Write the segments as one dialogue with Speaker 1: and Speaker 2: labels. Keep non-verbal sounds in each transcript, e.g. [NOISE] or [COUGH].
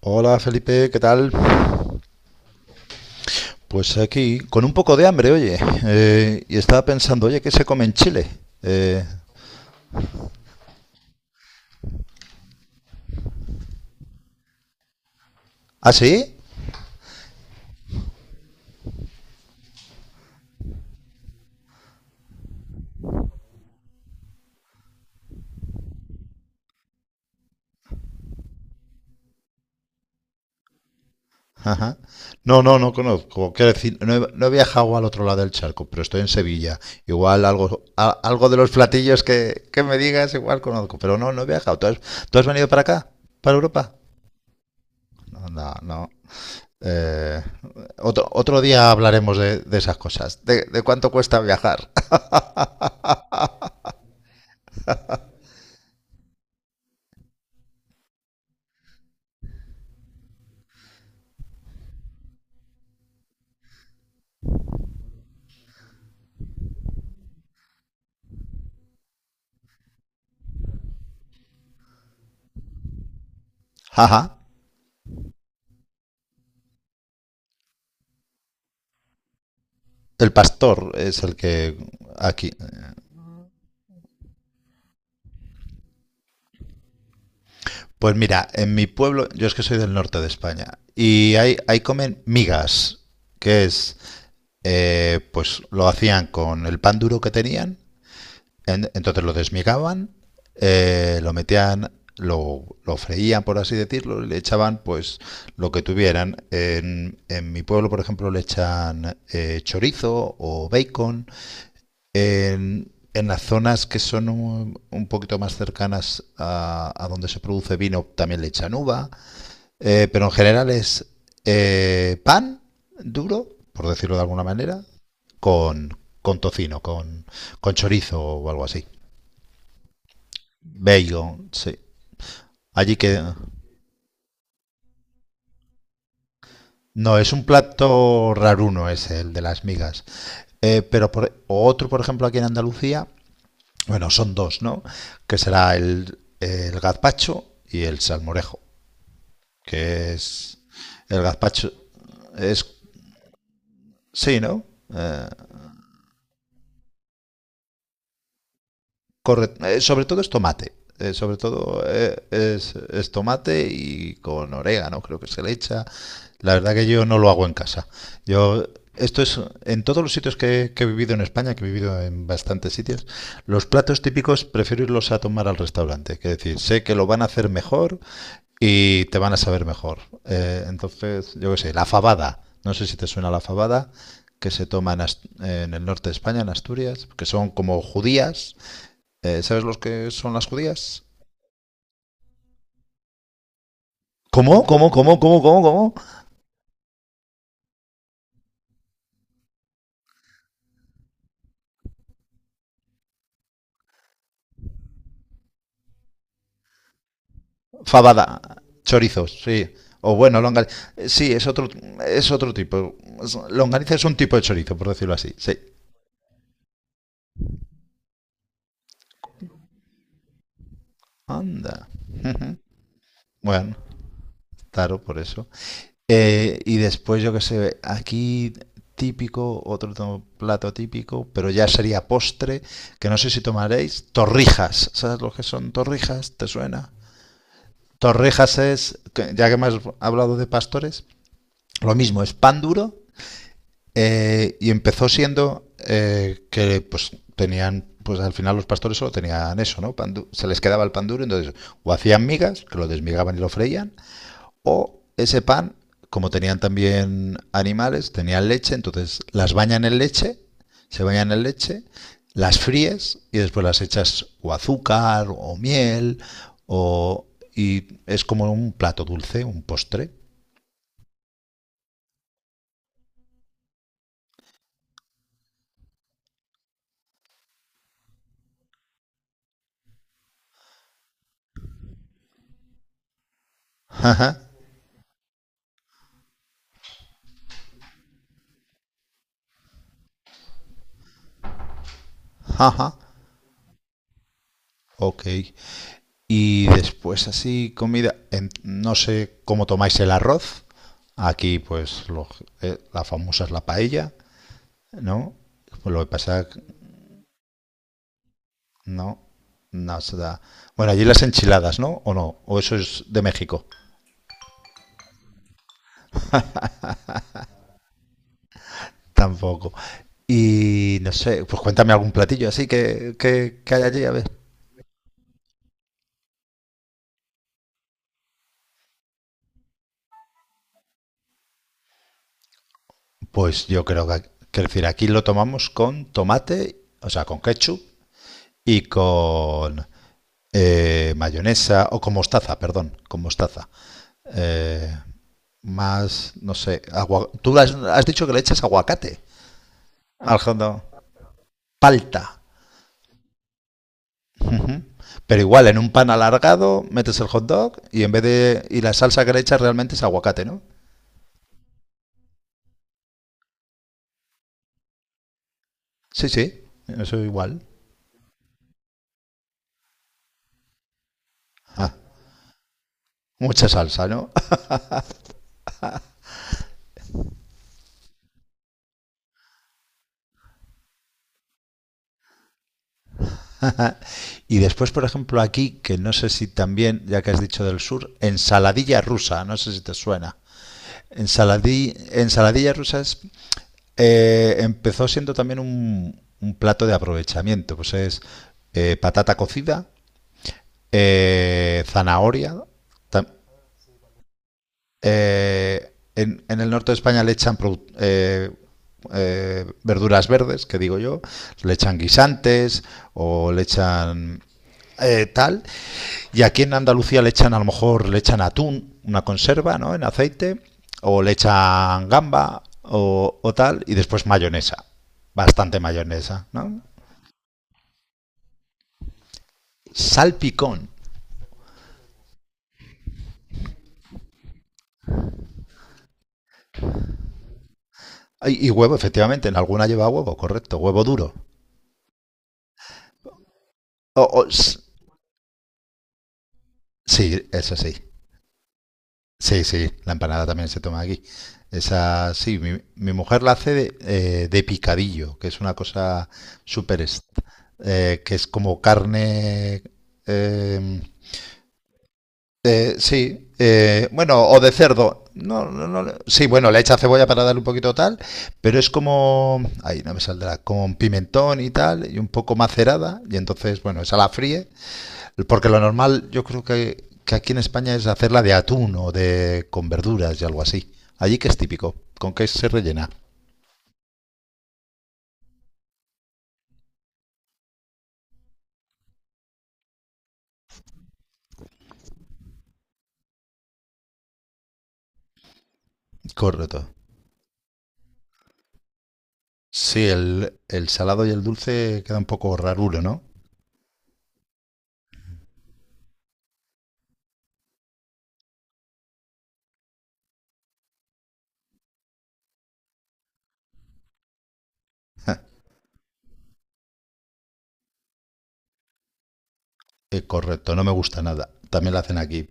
Speaker 1: Hola Felipe, ¿qué tal? Pues aquí, con un poco de hambre, oye. Y estaba pensando, oye, ¿qué se come en Chile? Eh, ¿Ah, sí? Ajá. No, no, no conozco. Quiero decir, no he viajado al otro lado del charco, pero estoy en Sevilla. Igual algo, algo de los platillos que me digas, igual conozco. Pero no, no he viajado. ¿Tú has venido para acá? ¿Para Europa? No, no, no. Eh, otro día hablaremos de esas cosas, de cuánto cuesta viajar. [LAUGHS] Ajá. El pastor es el que aquí. Pues mira, en mi pueblo, yo es que soy del norte de España, y ahí comen migas, que es, pues lo hacían con el pan duro que tenían, entonces lo desmigaban, lo metían, lo freían, por así decirlo, y le echaban pues lo que tuvieran. En mi pueblo, por ejemplo, le echan chorizo o bacon. En las zonas que son un poquito más cercanas a donde se produce vino también le echan uva, pero en general es pan duro, por decirlo de alguna manera, con, con tocino, con chorizo o algo así. Bacon, sí. Allí que... No, es un plato raruno ese, el de las migas. Pero por, otro, por ejemplo, aquí en Andalucía, bueno, son dos, ¿no? Que será el gazpacho y el salmorejo, que es el gazpacho es sí, ¿no? Eh, Corre, sobre todo es tomate, sobre todo es tomate y con orégano creo que se le echa. La verdad que yo no lo hago en casa. Yo esto es en todos los sitios que he vivido en España, que he vivido en bastantes sitios, los platos típicos prefiero irlos a tomar al restaurante. Que decir, sé que lo van a hacer mejor y te van a saber mejor. Entonces, yo qué sé, la fabada. No sé si te suena la fabada, que se toma en, en el norte de España, en Asturias, que son como judías. ¿Sabes los que son las judías? ¿Cómo? ¿Cómo? ¿Cómo? ¿Cómo? ¿Cómo? ¿Cómo? Fabada. Chorizos, sí. O bueno, longaniza. Sí, es otro tipo. Longaniza es un tipo de chorizo, por decirlo así. Sí. Anda. [LAUGHS] Bueno, claro, por eso. Y después, yo qué sé, aquí típico, plato típico, pero ya sería postre, que no sé si tomaréis, torrijas. ¿Sabes lo que son torrijas? ¿Te suena? Torrijas es, ya que hemos hablado de pastores, lo mismo, es pan duro y empezó siendo que pues tenían, pues al final los pastores solo tenían eso, ¿no? Se les quedaba el pan duro, entonces o hacían migas, que lo desmigaban y lo freían, o ese pan, como tenían también animales, tenían leche, entonces las bañan en leche, se bañan en leche, las fríes y después las echas o azúcar o miel o... Y es como un plato dulce, un postre. Jaja, jaja. Ok. Y después así comida, no sé cómo tomáis el arroz. Aquí pues la famosa es la paella, ¿no? Pues lo que pasa. No, no se da. Bueno, allí las enchiladas, ¿no? ¿O no? ¿O eso es de México? Tampoco. Y no sé, pues cuéntame algún platillo así que hay allí, a ver. Pues yo creo que decir, aquí lo tomamos con tomate, o sea, con ketchup y con mayonesa, o con mostaza, perdón, con mostaza. Eh, más, no sé, agua... has dicho que le echas aguacate al fondo. Palta. Ujú. Pero igual, en un pan alargado metes el hot dog y en vez de. Y la salsa que le echas realmente es aguacate, ¿no? Sí, sí, eso igual. Ah, mucha salsa, ¿no? [LAUGHS] Y después, por ejemplo, aquí, que no sé si también, ya que has dicho del sur, ensaladilla rusa, no sé si te suena. Ensaladilla rusa es, empezó siendo también un plato de aprovechamiento, pues es patata cocida, zanahoria, tam- en el norte de España le echan verduras verdes, que digo yo, le echan guisantes o le echan tal. Y aquí en Andalucía le echan, a lo mejor, le echan atún, una conserva, ¿no? En aceite, o le echan gamba o tal, y después mayonesa, bastante mayonesa, ¿no? Salpicón. Y huevo, efectivamente, en alguna lleva huevo, correcto, huevo duro. O, sí, eso sí. Sí, sí, la empanada también se toma aquí. Esa, sí, mi mujer la hace de picadillo, que es una cosa súper, que es como carne, em, sí, bueno, o de cerdo. No, no, no, sí, bueno, le echa cebolla para darle un poquito tal, pero es como, ahí no me saldrá, con pimentón y tal, y un poco macerada, y entonces, bueno, esa la fríe porque lo normal, yo creo que aquí en España es hacerla de atún o de con verduras y algo así. Allí que es típico, ¿con qué se rellena? Correcto. Sí, el salado y el dulce queda un poco raruro, ¿no? Correcto, no me gusta nada. También la hacen aquí.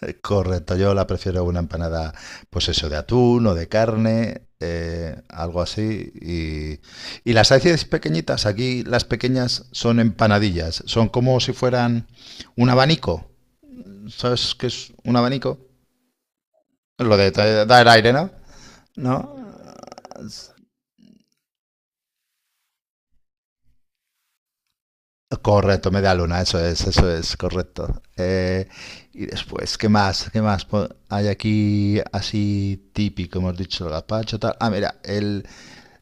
Speaker 1: Correcto, yo la prefiero una empanada, pues eso, de atún o de carne, algo así. Y las hacéis pequeñitas, aquí las pequeñas son empanadillas, son como si fueran un abanico. ¿Sabes qué es un abanico? Dar aire, ¿no? ¿No? Correcto, media luna, eso es, correcto. Y después, ¿qué más? ¿Hay aquí así típico? Hemos dicho el gazpacho, tal. Ah, mira, el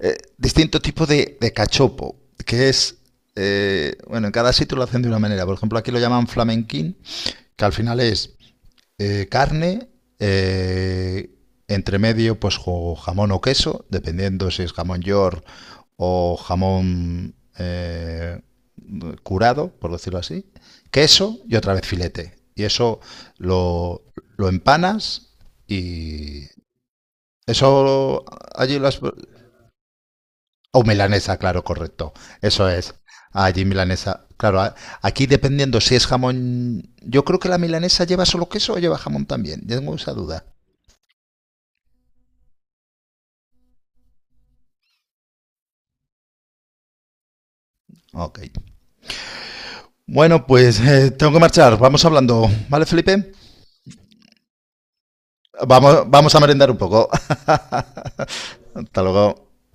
Speaker 1: distinto tipo de cachopo, que es, bueno, en cada sitio lo hacen de una manera. Por ejemplo, aquí lo llaman flamenquín, que al final es carne, eh, entre medio pues jamón o queso, dependiendo si es jamón york o jamón curado, por decirlo así, queso y otra vez filete. Y eso lo, lo empanas y eso allí lo has... O milanesa, claro, correcto. Eso es. Allí milanesa. Claro, aquí dependiendo si es jamón... Yo creo que la milanesa lleva solo queso o lleva jamón también. Tengo esa duda. Ok. Bueno, pues tengo que marchar. Vamos hablando, ¿vale, Felipe? Vamos, vamos a merendar un poco. [LAUGHS] Hasta luego.